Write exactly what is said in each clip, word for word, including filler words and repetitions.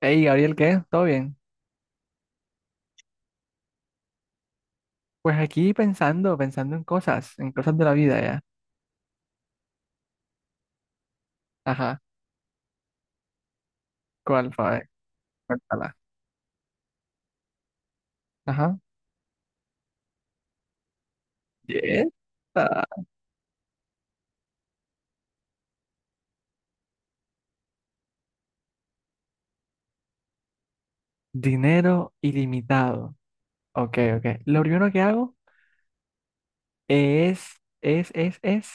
Hey, Gabriel, ¿qué? ¿Todo bien? Pues aquí pensando, pensando en cosas, en cosas de la vida ya. Ajá. ¿Cuál fue? A ver, cuéntala. Ajá. Bien. Ah, Dinero ilimitado. Ok, ok. Lo primero que hago es, es, es, es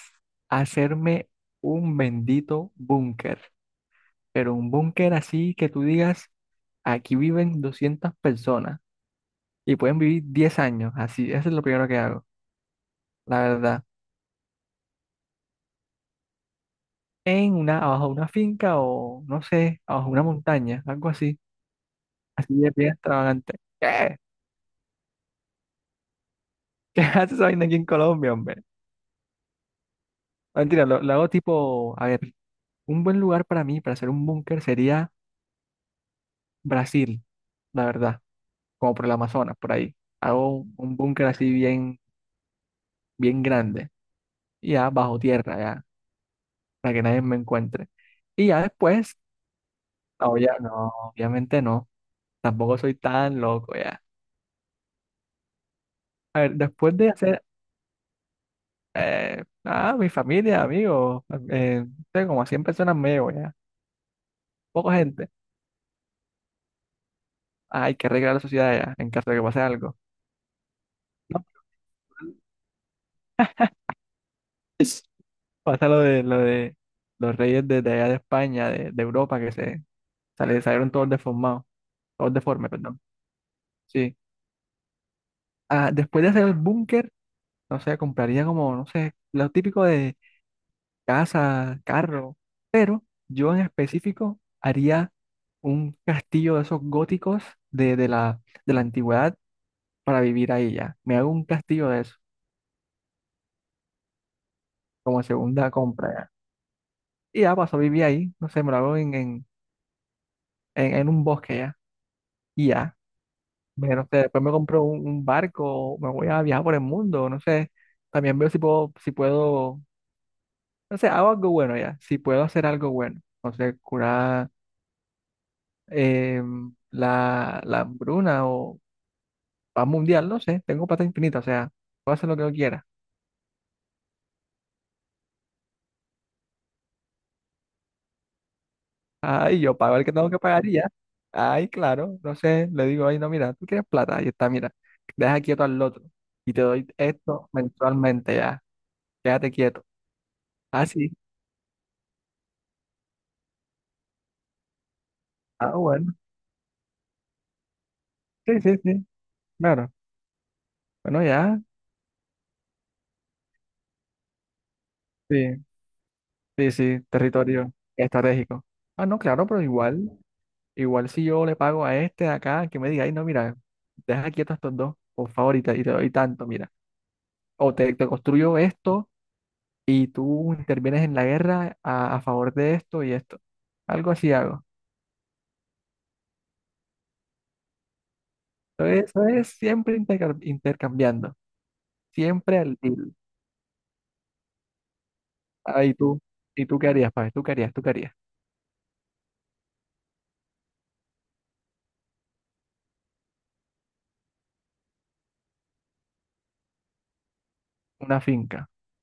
hacerme un bendito búnker. Pero un búnker así que tú digas, aquí viven doscientas personas y pueden vivir diez años. Así, eso es lo primero que hago, la verdad. En una, abajo de una finca o no sé, abajo de una montaña, algo así, así de bien extravagante. ¿Qué? ¿Qué haces esa vaina aquí en Colombia, hombre? No, mentira, lo, lo hago tipo, a ver, un buen lugar para mí, para hacer un búnker sería Brasil, la verdad, como por el Amazonas, por ahí. Hago un, un búnker así bien, bien grande, y ya bajo tierra, ya, para que nadie me encuentre. Y ya después, no, ya, no, obviamente no, tampoco soy tan loco, ya. A ver, después de hacer, eh, nada, mi familia, amigos, eh, tengo como cien personas me llevo ya, poca gente. Ah, hay que arreglar la sociedad ya, en caso de que pase algo. No, es- pasa lo de, lo de los reyes de, de allá de España, de, de Europa, que se sale- salieron todos deformados, todos deformes, perdón. Sí. Ah, después de hacer el búnker, no sé, compraría como, no sé, lo típico de casa, carro, pero yo en específico haría un castillo de esos góticos de, de la, de la antigüedad para vivir ahí ya. Me hago un castillo de eso, como segunda compra ya. Y ya paso a vivir ahí, no sé, me lo hago en, en, en, en un bosque ya. Y ya, me- no sé, después me compro un, un barco, me voy a viajar por el mundo, no sé. También veo si puedo, si puedo, no sé, hago algo bueno ya, si puedo hacer algo bueno. No sé, curar, eh, la, la hambruna o paz mundial, no sé, tengo plata infinita, o sea, puedo hacer lo que yo quiera. Ay, yo pago el que tengo que pagar y ya. Ay, claro. No sé, le digo, ay, no, mira, tú quieres plata. Ahí está, mira. Deja quieto al otro. Y te doy esto mensualmente ya. Quédate quieto. Ah, sí. Ah, bueno. Sí, sí, sí. Claro. Bueno, ya. Sí, sí, sí. Territorio estratégico. Ah, no, claro, pero igual, igual si yo le pago a este de acá, que me diga, ay, no, mira, deja quieto a estos dos, por favor, y te, y te doy tanto, mira. O te, te construyo esto y tú intervienes en la guerra a, a favor de esto y esto. Algo así hago. Entonces, eso es siempre interca- intercambiando, siempre al deal. Ah, ¿y tú, ¿y tú qué harías, Pablo? ¿Tú qué harías? ¿Tú qué harías? Una finca.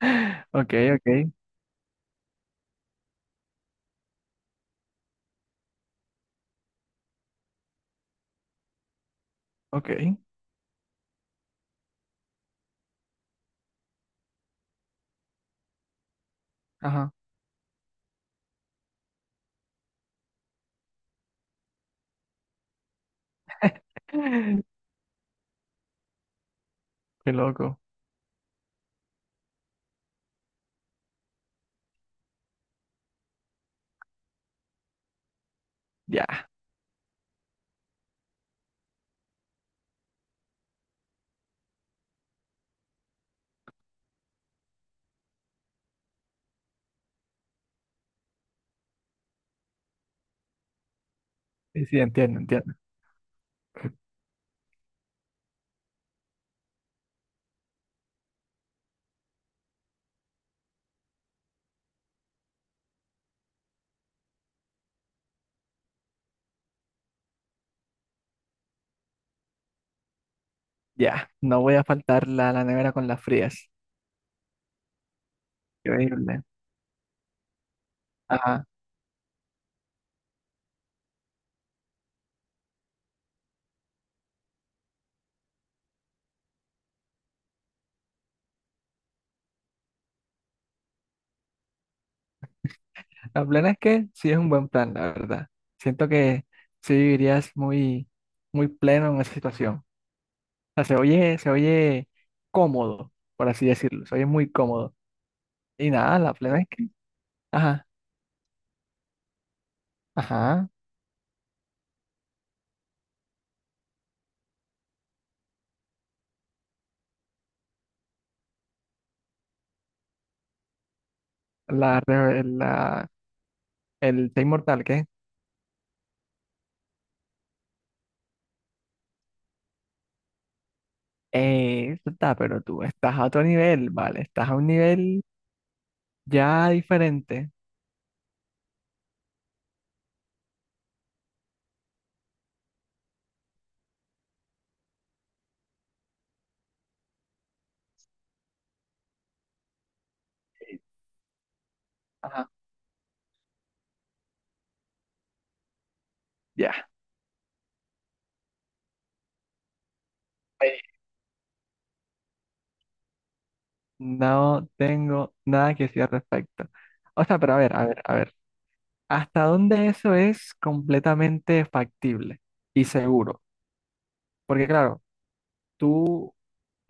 Ok, ok, ok. Ajá. Qué loco. Ya. Sí, sí, entiendo, entiendo. Ya. No voy a faltar la, la nevera con las frías. Increíble. Ajá. La plena es que sí es un buen plan, la verdad. Siento que sí vivirías muy, muy pleno en esa situación. Sea, se oye, se oye cómodo, por así decirlo, se oye muy cómodo. Y nada, la plena es que, ajá, ajá, la, re- la, el Te Inmortal, ¿qué? Eh, eso está, pero tú estás a otro nivel, ¿vale? Estás a un nivel ya diferente. Ajá, ya. Ahí. No tengo nada que decir al respecto. O sea, pero a ver, a ver, a ver. ¿Hasta dónde eso es completamente factible y seguro? Porque claro, tú,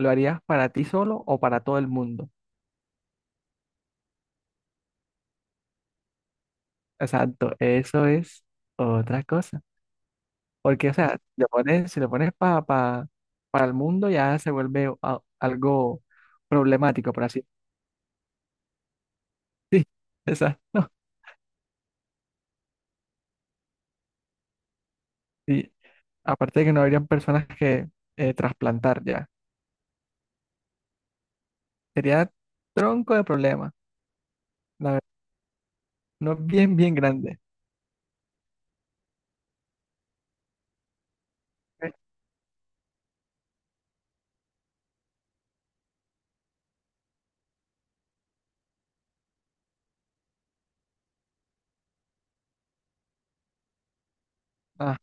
¿lo harías para ti solo o para todo el mundo? Exacto, eso es otra cosa. Porque, o sea, le pones, si le pones pa- pa- para el mundo, ya se vuelve a- algo problemático, por así decirlo. Sí, exacto. Y aparte de que no habrían personas que, eh, trasplantar ya. Sería tronco de problema. La verdad, no bien, bien grande. Ajá.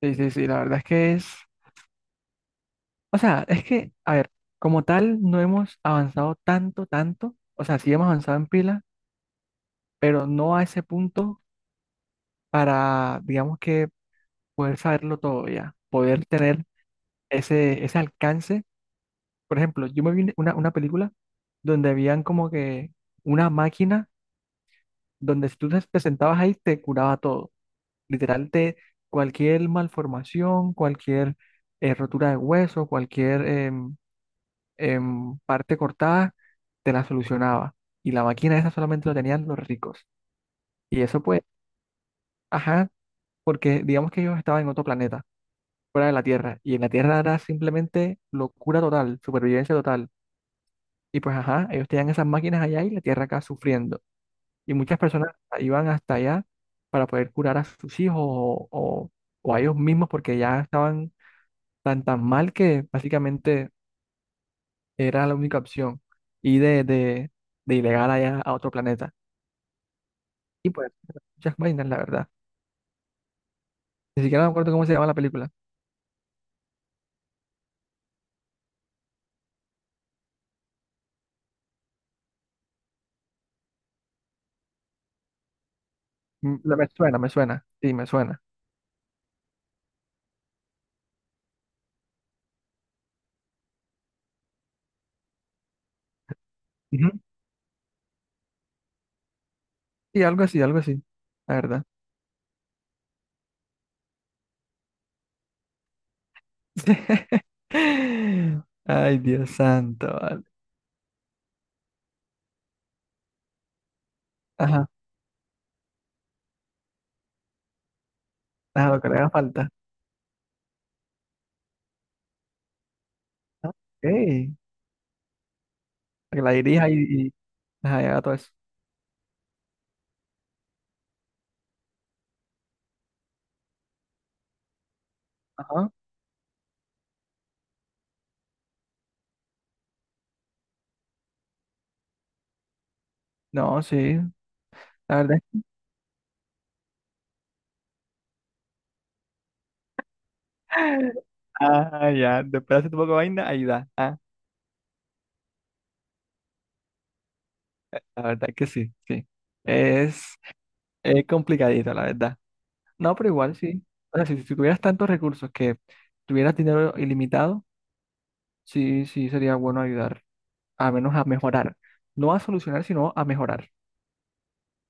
Sí, sí, sí, la verdad es que es. O sea, es que, a ver, como tal, no hemos avanzado tanto, tanto. O sea, sí hemos avanzado en pila, pero no a ese punto para, digamos que, poder saberlo todo ya, poder tener ese, ese alcance. Por ejemplo, yo me vi una, una película donde habían como que una máquina donde si tú te te sentabas ahí te curaba todo. Literal, te, cualquier malformación, cualquier, eh, rotura de hueso, cualquier... em, en parte cortada, te la solucionaba. Y la máquina esa solamente lo tenían los ricos. Y eso pues, ajá, porque digamos que ellos estaban en otro planeta, fuera de la Tierra. Y en la Tierra era simplemente locura total, supervivencia total. Y pues, ajá, ellos tenían esas máquinas allá y la Tierra acá sufriendo. Y muchas personas iban hasta allá para poder curar a sus hijos o, o- o a ellos mismos porque ya estaban tan tan mal que básicamente era la única opción. Y de, de, de ilegal allá a otro planeta. Y pues, muchas vainas, la verdad. Ni siquiera me acuerdo cómo se llama la película. Mm, la- me suena, me suena. Sí, me suena. Ujú. Y algo así, algo así, la verdad. Ay, Dios santo, vale. Ajá, ajá, lo que le haga falta. Ah, ok, que la dirija y, y ajá, y haga todo eso. Ajá, no, sí, la verdad. Ah, ya, después hace tu poco de vaina, ahí da. Ah, la verdad que sí, sí. Es, es complicadito, la verdad. No, pero igual sí. O sea, si, si tuvieras tantos recursos que tuvieras dinero ilimitado, sí, sí sería bueno ayudar, a menos a mejorar. No a solucionar, sino a mejorar.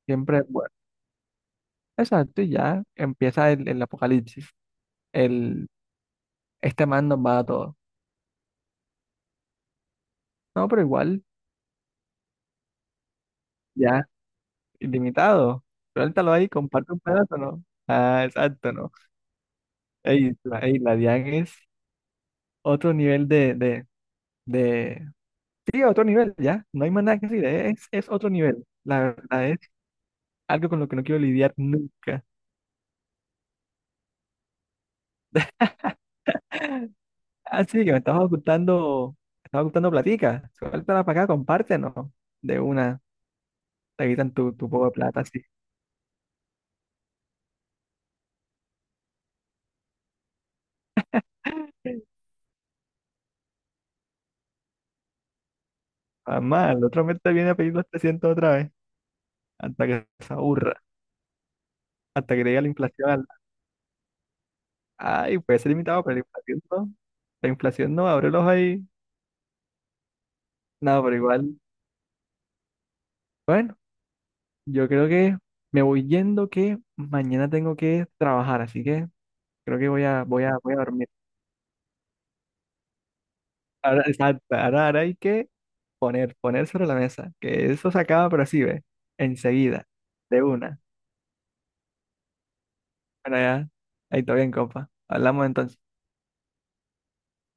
Siempre, es bueno, exacto, y ya empieza el, el apocalipsis. El, este man nos va a todo. No, pero igual, ya, ilimitado. Suéltalo ahí, comparte un pedazo, ¿no? Ah, exacto, ¿no? Ey, la, ey, la D I A N es otro nivel de, de, de... Sí, otro nivel, ya. No hay más nada que decir, es, es otro nivel. La verdad algo con lo que no quiero lidiar nunca. Ah, sí, que me estabas ocultando, me estabas ocultando platica. Suéltala para acá, compártenos. De una, te quitan tu, tu poco de plata, así. Mamá, el otro mes te viene a pedir los trescientos otra vez, hasta que se aburra, hasta que llegue la inflación. al- Ay, puede ser limitado, pero la inflación no. La inflación no, abre los ahí. No, pero igual. Bueno, yo creo que me voy yendo que mañana tengo que trabajar, así que creo que voy a, voy a, voy a dormir. Ahora, exacto, ahora, ahora hay que poner, poner sobre la mesa, que eso se acaba, pero así ve, enseguida, de una. Bueno, ya, ahí está bien, compa. Hablamos entonces.